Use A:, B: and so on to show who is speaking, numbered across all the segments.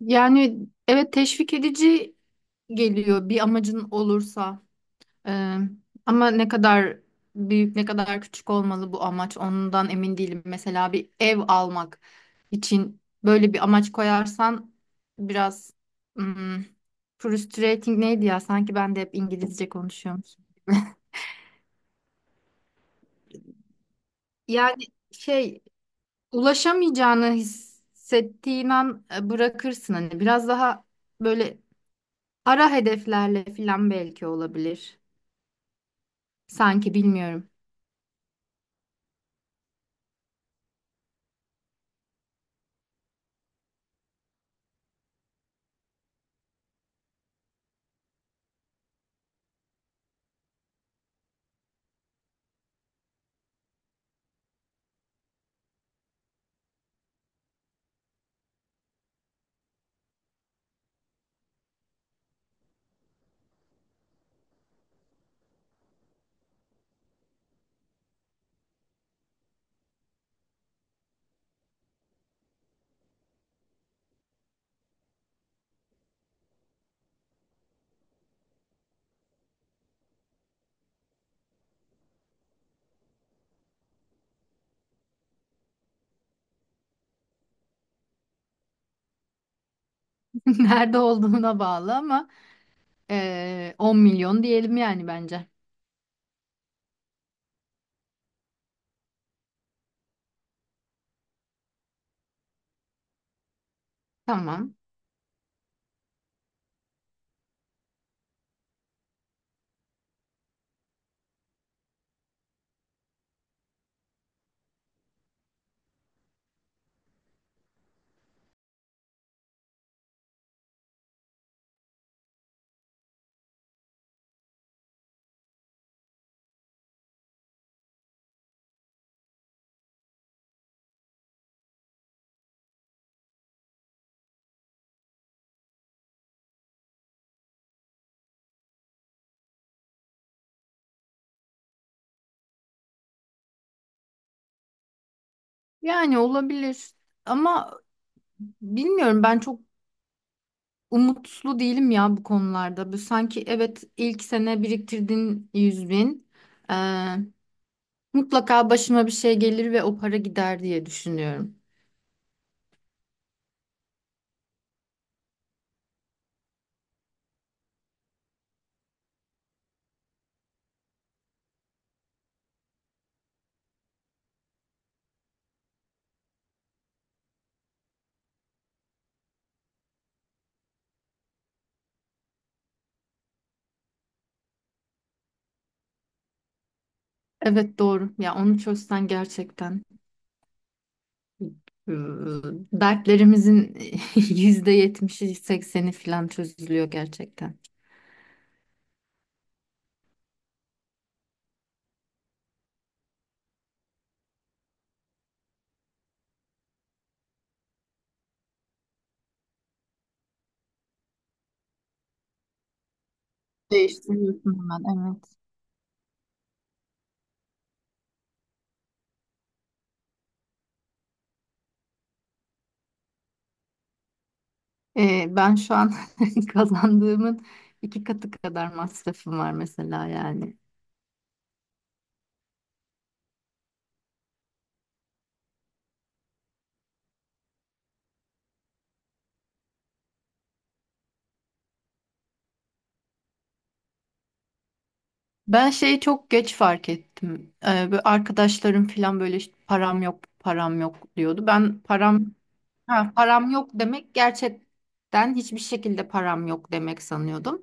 A: Yani evet teşvik edici geliyor bir amacın olursa. Ee, ama ne kadar büyük ne kadar küçük olmalı bu amaç ondan emin değilim. Mesela bir ev almak için böyle bir amaç koyarsan biraz hmm, frustrating neydi ya? Sanki ben de hep İngilizce konuşuyormuşum. Yani şey ulaşamayacağını hissettiğin an bırakırsın hani biraz daha böyle ara hedeflerle falan belki olabilir. Sanki bilmiyorum. Nerede olduğuna bağlı ama 10 milyon diyelim yani bence. Tamam. Yani olabilir. Ama bilmiyorum ben çok umutlu değilim ya bu konularda. Bu sanki evet ilk sene biriktirdiğin 100 bin. eee, Mutlaka başıma bir şey gelir ve o para gider diye düşünüyorum. Evet doğru. Ya onu çözsen gerçekten eee, dertlerimizin %70'i 80'i falan çözülüyor gerçekten. Değiştiriyorsun hemen, evet. Ben şu an kazandığımın iki katı kadar masrafım var mesela yani. Ben şeyi çok geç fark ettim. Böyle arkadaşlarım falan böyle işte param yok param yok diyordu. Ben param Ha, param yok demek gerçekten hiçbir şekilde param yok demek sanıyordum.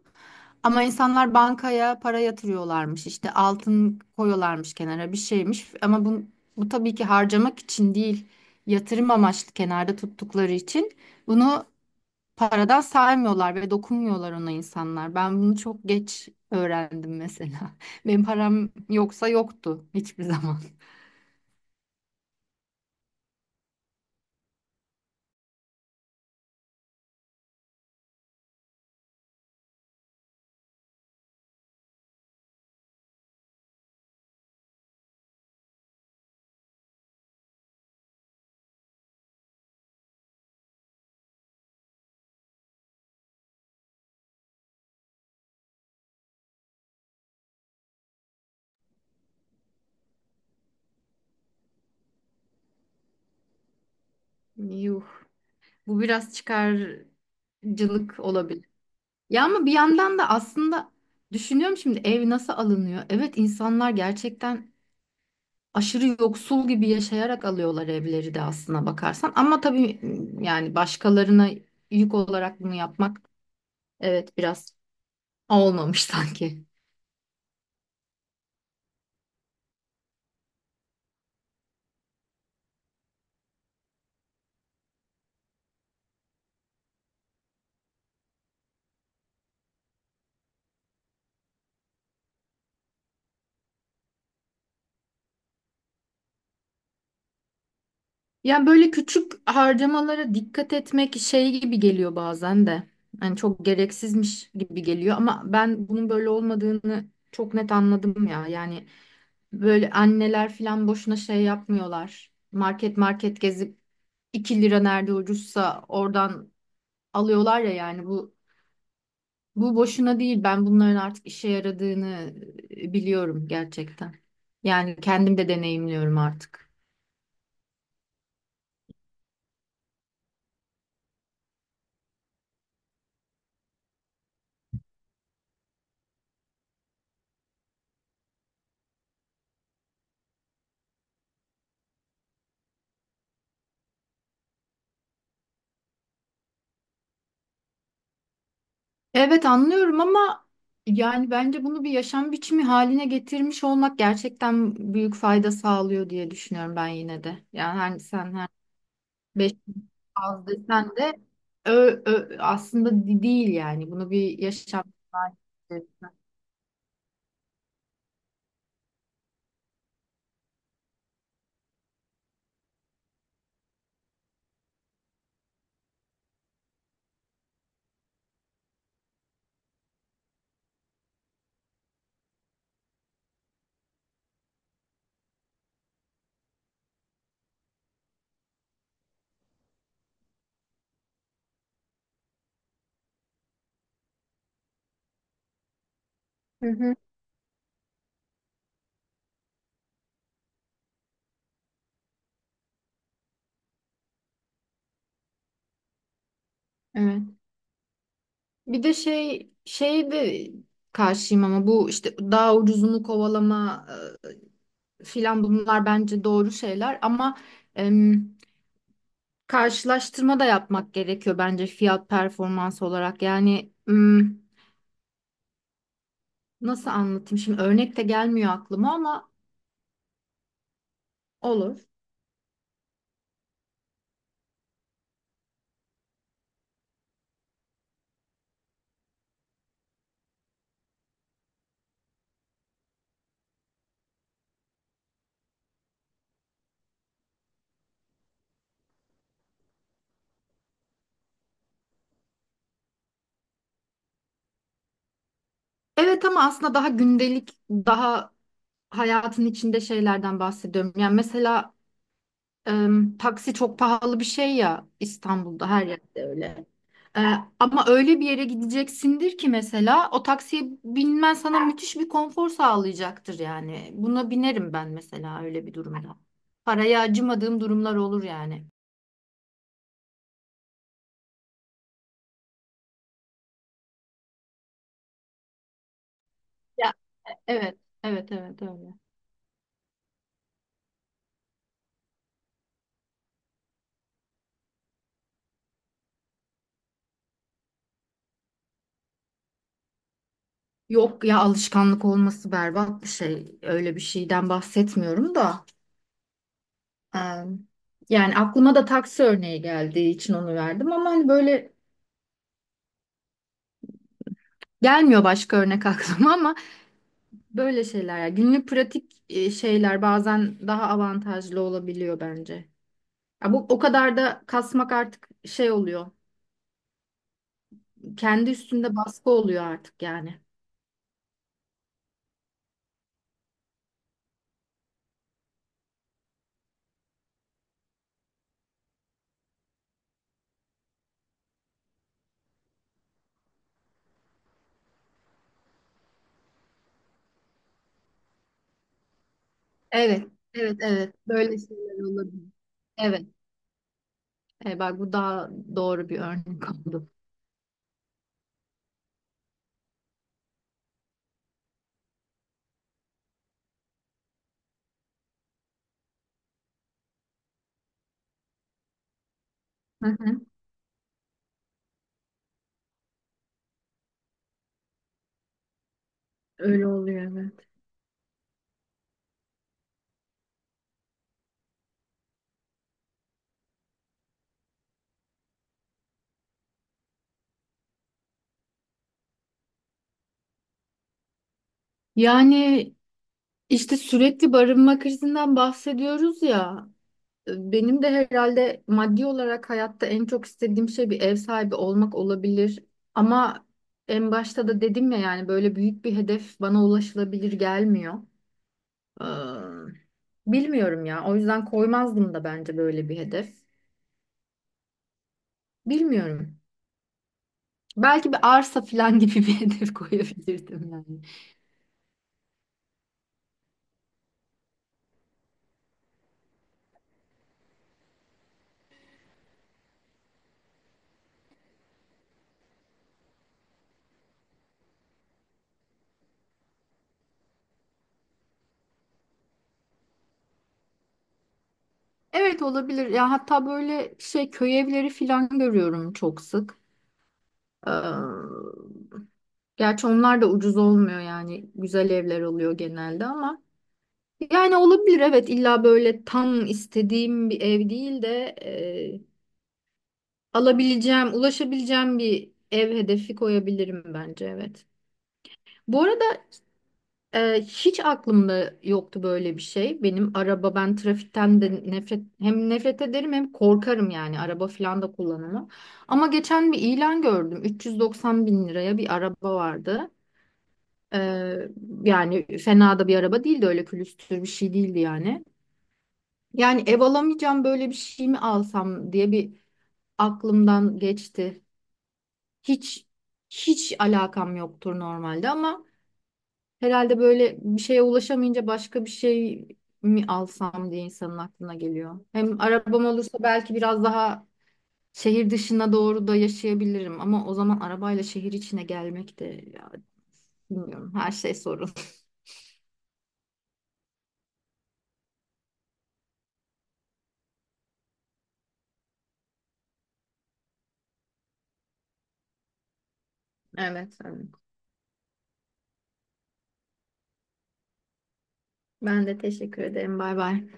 A: Ama insanlar bankaya para yatırıyorlarmış, işte altın koyuyorlarmış kenara bir şeymiş. Ama bu, bu tabii ki harcamak için değil, yatırım amaçlı kenarda tuttukları için bunu paradan saymıyorlar ve dokunmuyorlar ona insanlar. Ben bunu çok geç öğrendim mesela. Benim param yoksa yoktu hiçbir zaman. Yuh, bu biraz çıkarcılık olabilir. Ya ama bir yandan da aslında düşünüyorum, şimdi ev nasıl alınıyor? Evet, insanlar gerçekten aşırı yoksul gibi yaşayarak alıyorlar evleri de aslına bakarsan. Ama tabii yani başkalarına yük olarak bunu yapmak, evet, biraz olmamış sanki. Yani böyle küçük harcamalara dikkat etmek şey gibi geliyor bazen de. Hani çok gereksizmiş gibi geliyor ama ben bunun böyle olmadığını çok net anladım ya. Yani böyle anneler falan boşuna şey yapmıyorlar. Market market gezip 2 lira nerede ucuzsa oradan alıyorlar ya, yani bu bu boşuna değil. Ben bunların artık işe yaradığını biliyorum gerçekten. Yani kendim de deneyimliyorum artık. Evet, anlıyorum ama yani bence bunu bir yaşam biçimi haline getirmiş olmak gerçekten büyük fayda sağlıyor diye düşünüyorum ben yine de. Yani sen Beş az desen de ö, aslında değil yani. Bunu bir yaşam tarzı. Hı hı. Evet. Bir de şey de karşıyım ama bu işte daha ucuzunu kovalama filan, bunlar bence doğru şeyler ama em, karşılaştırma da yapmak gerekiyor bence, fiyat performans olarak. Yani nasıl anlatayım şimdi, örnek de gelmiyor aklıma ama olur. Evet, ama aslında daha gündelik, daha hayatın içinde şeylerden bahsediyorum. Yani mesela taksi çok pahalı bir şey ya, İstanbul'da her yerde öyle. E, ama öyle bir yere gideceksindir ki mesela o taksiye binmen sana müthiş bir konfor sağlayacaktır yani. Buna binerim ben mesela öyle bir durumda. Paraya acımadığım durumlar olur yani. Ya, evet, evet, evet öyle. Yok ya, alışkanlık olması berbat bir şey. Öyle bir şeyden bahsetmiyorum da. Eee, Yani aklıma da taksi örneği geldiği için onu verdim ama hani böyle gelmiyor başka örnek aklıma ama böyle şeyler yani günlük pratik şeyler bazen daha avantajlı olabiliyor bence. Ya, bu o kadar da kasmak artık şey oluyor. Kendi üstünde baskı oluyor artık yani. Evet, evet, evet. Böyle şeyler olabilir. Evet. E, bak bu daha doğru bir örnek oldu. Hı hı. Öyle oluyor, evet. Yani İşte sürekli barınma krizinden bahsediyoruz ya. Benim de herhalde maddi olarak hayatta en çok istediğim şey bir ev sahibi olmak olabilir. Ama en başta da dedim ya, yani böyle büyük bir hedef bana ulaşılabilir gelmiyor. Ee, bilmiyorum ya. O yüzden koymazdım da bence böyle bir hedef. Bilmiyorum. Belki bir arsa falan gibi bir hedef koyabilirdim yani. Evet, olabilir. Ya hatta böyle şey köy evleri falan görüyorum çok sık. Ee, Gerçi onlar da ucuz olmuyor yani. Güzel evler oluyor genelde ama. Yani olabilir, evet, illa böyle tam istediğim bir ev değil de alabileceğim, ulaşabileceğim bir ev hedefi koyabilirim bence, evet. Bu arada hiç aklımda yoktu böyle bir şey. Benim araba, ben trafikten de hem nefret ederim hem korkarım, yani araba falan da kullanamam. Ama geçen bir ilan gördüm. 390 bin liraya bir araba vardı. Ee, yani fena da bir araba değildi, öyle külüstür bir şey değildi yani. Yani ev alamayacağım, böyle bir şey mi alsam diye bir aklımdan geçti. Hiç hiç alakam yoktur normalde ama herhalde böyle bir şeye ulaşamayınca başka bir şey mi alsam diye insanın aklına geliyor. Hem arabam olursa belki biraz daha şehir dışına doğru da yaşayabilirim ama o zaman arabayla şehir içine gelmek de ya, bilmiyorum, her şey sorun. Evet, evet. Ben de teşekkür ederim. Bay bay.